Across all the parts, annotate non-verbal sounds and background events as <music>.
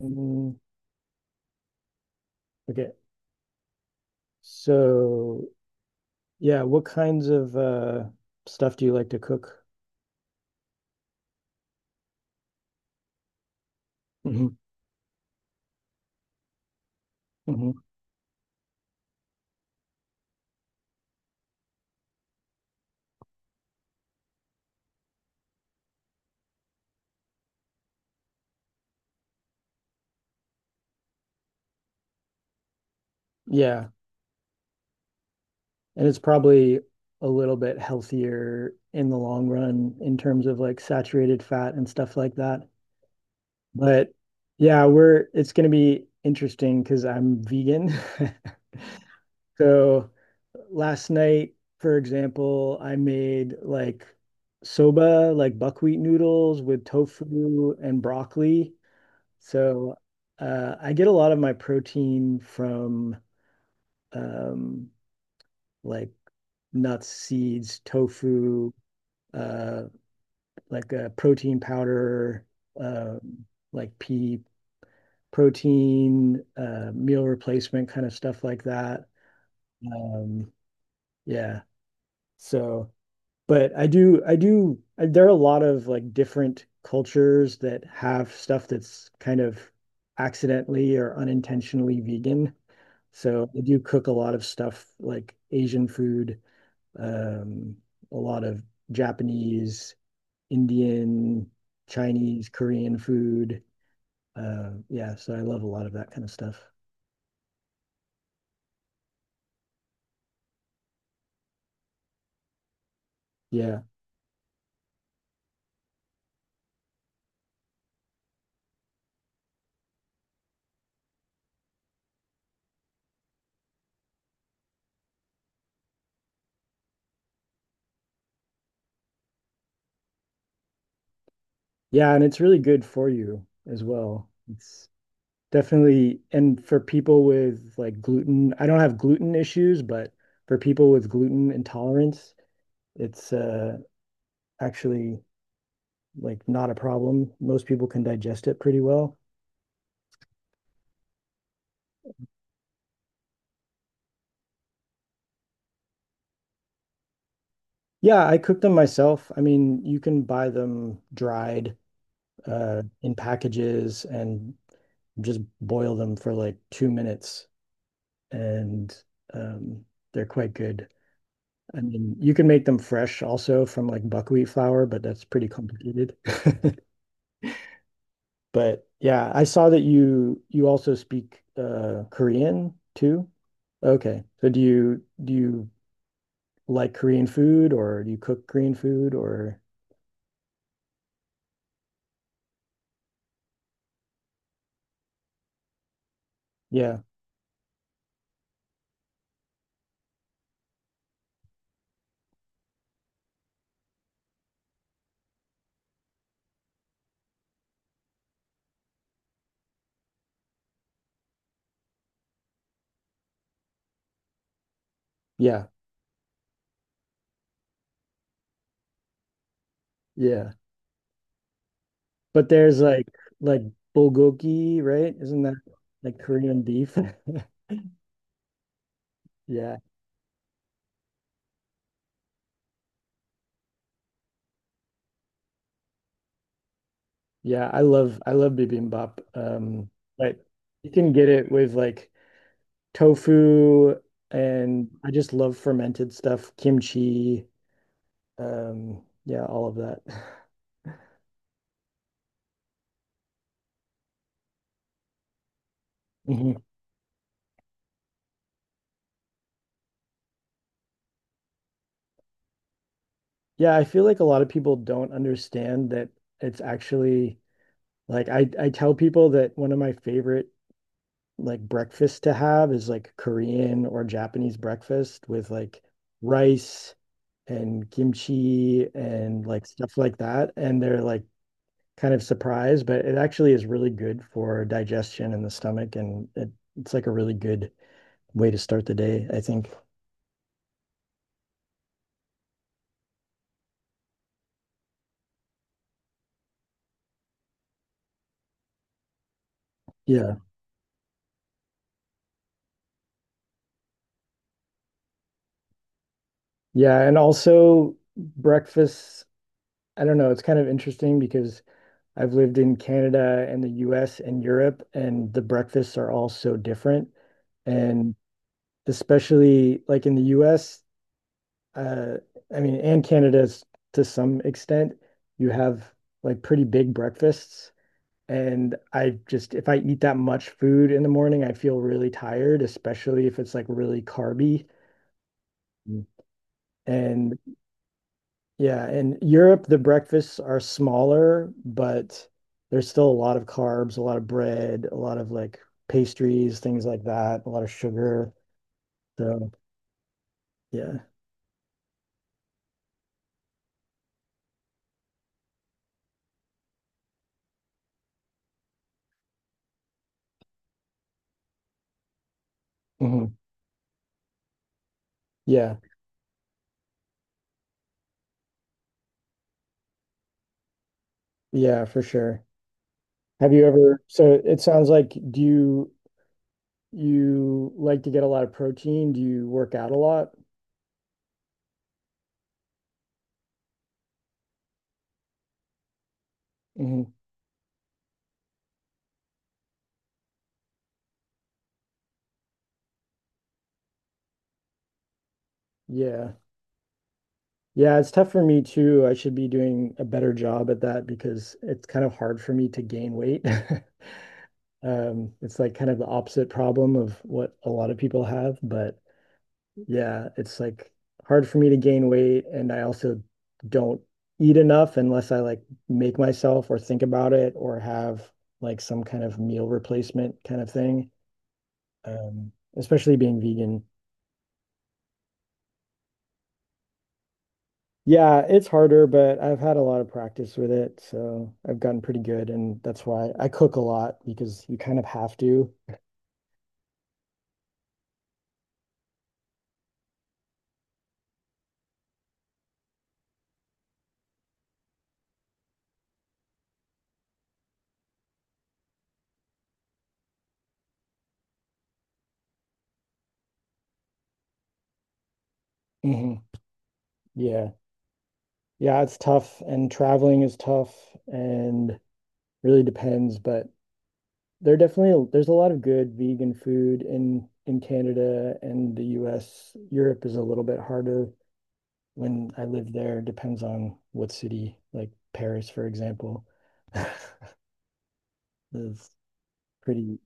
Mm, okay. So, yeah, what kinds of stuff do you like to cook? hmm hmm Yeah. And it's probably a little bit healthier in the long run in terms of like saturated fat and stuff like that. But yeah, we're it's going to be interesting because I'm vegan. <laughs> So last night, for example, I made like soba, like buckwheat noodles with tofu and broccoli. So I get a lot of my protein from um, like nuts, seeds, tofu, uh, like a protein powder, um, like pea protein, meal replacement kind of stuff like that. Um, yeah. So, but I there are a lot of like different cultures that have stuff that's kind of accidentally or unintentionally vegan. So I do cook a lot of stuff like Asian food, um, a lot of Japanese, Indian, Chinese, Korean food. Yeah, so I love a lot of that kind of stuff. Yeah. Yeah, and it's really good for you as well. It's definitely, and for people with like gluten, I don't have gluten issues, but for people with gluten intolerance, it's actually like not a problem. Most people can digest it pretty well. Yeah, I cook them myself. I mean, you can buy them dried in packages and just boil them for like 2 minutes, and um, they're quite good. I mean, you can make them fresh also from like buckwheat flour, but that's pretty complicated. <laughs> But yeah, I saw that you also speak Korean too. Okay, so do you like Korean food, or do you cook Korean food, or yeah, yeah, yeah. But there's like bulgogi, right? Isn't that like Korean beef? <laughs> Yeah. Yeah, I love bibimbap. But you can get it with like tofu and I just love fermented stuff, kimchi, yeah, all of that. <laughs> Mhm. Yeah, I feel like a lot of people don't understand that it's actually like I tell people that one of my favorite like breakfast to have is like Korean or Japanese breakfast with like rice and kimchi and like stuff like that. And they're like kind of surprised, but it actually is really good for digestion in the stomach. It's like a really good way to start the day, I think. Yeah. Yeah. And also breakfast, I don't know, it's kind of interesting because I've lived in Canada and the US and Europe, and the breakfasts are all so different. Yeah. And especially like in the U.S., I mean, and Canada to some extent, you have like pretty big breakfasts. And I just, if I eat that much food in the morning, I feel really tired, especially if it's like really carby. Mm. And yeah, in Europe, the breakfasts are smaller, but there's still a lot of carbs, a lot of bread, a lot of like pastries, things like that, a lot of sugar. So yeah. Mhm. Yeah. Yeah, for sure. Have you ever, so it sounds like do you you like to get a lot of protein? Do you work out a lot? hmm Yeah. Yeah, it's tough for me too. I should be doing a better job at that because it's kind of hard for me to gain weight. <laughs> It's like kind of the opposite problem of what a lot of people have, but yeah, it's like hard for me to gain weight, and I also don't eat enough unless I like make myself or think about it or have like some kind of meal replacement kind of thing. Especially being vegan. Yeah, it's harder, but I've had a lot of practice with it, so I've gotten pretty good, and that's why I cook a lot because you kind of have to. hmm Yeah. Yeah, it's tough, and traveling is tough and really depends, but there's a lot of good vegan food in Canada and the US. Europe is a little bit harder when I lived there. Depends on what city, like Paris, for example. <laughs> It's pretty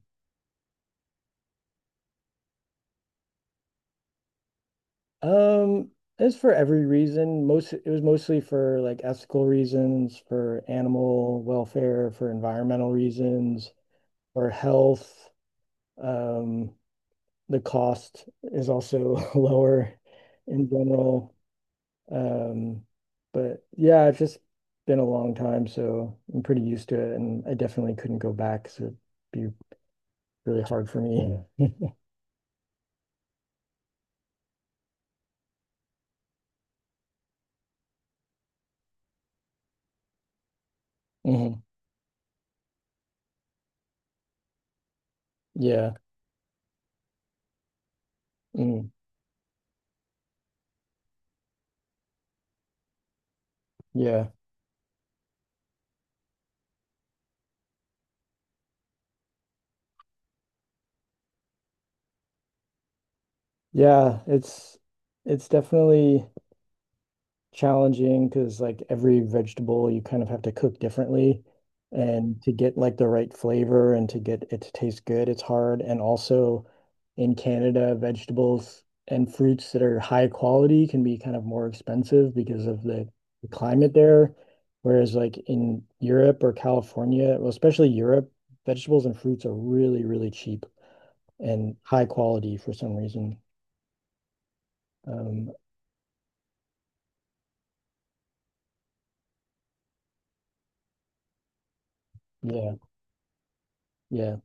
um as for every reason, most it was mostly for like ethical reasons, for animal welfare, for environmental reasons, for health. Um, the cost is also <laughs> lower in general. Um, but yeah, it's just been a long time, so I'm pretty used to it, and I definitely couldn't go back, so it'd be really hard for me. Yeah. Mhm. Yeah. Mm. Yeah. Yeah, it's definitely challenging because like every vegetable you kind of have to cook differently. And to get like the right flavor and to get it to taste good, it's hard. And also in Canada, vegetables and fruits that are high quality can be kind of more expensive because of the climate there. Whereas like in Europe or California, well, especially Europe, vegetables and fruits are really, really cheap and high quality for some reason. Um, yeah, yeah,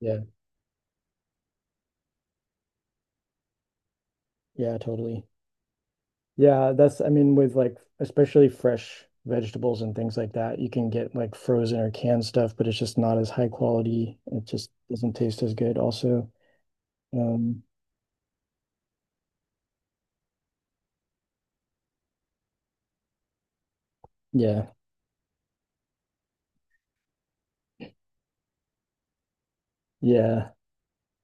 yeah, yeah, totally. Yeah, I mean, with like, especially fresh vegetables and things like that, you can get like frozen or canned stuff, but it's just not as high quality. It just doesn't taste as good also. Um, yeah, yeah.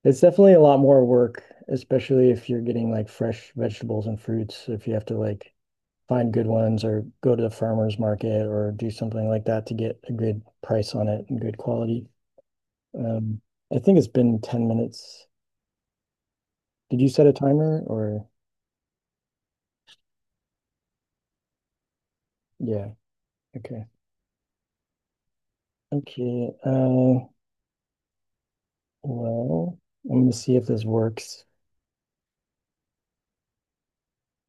It's definitely a lot more work, especially if you're getting like fresh vegetables and fruits. If you have to like find good ones or go to the farmer's market or do something like that to get a good price on it and good quality. Um, I think it's been 10 minutes. Did you set a timer or? Yeah. Okay. Okay, well, let me see if this works.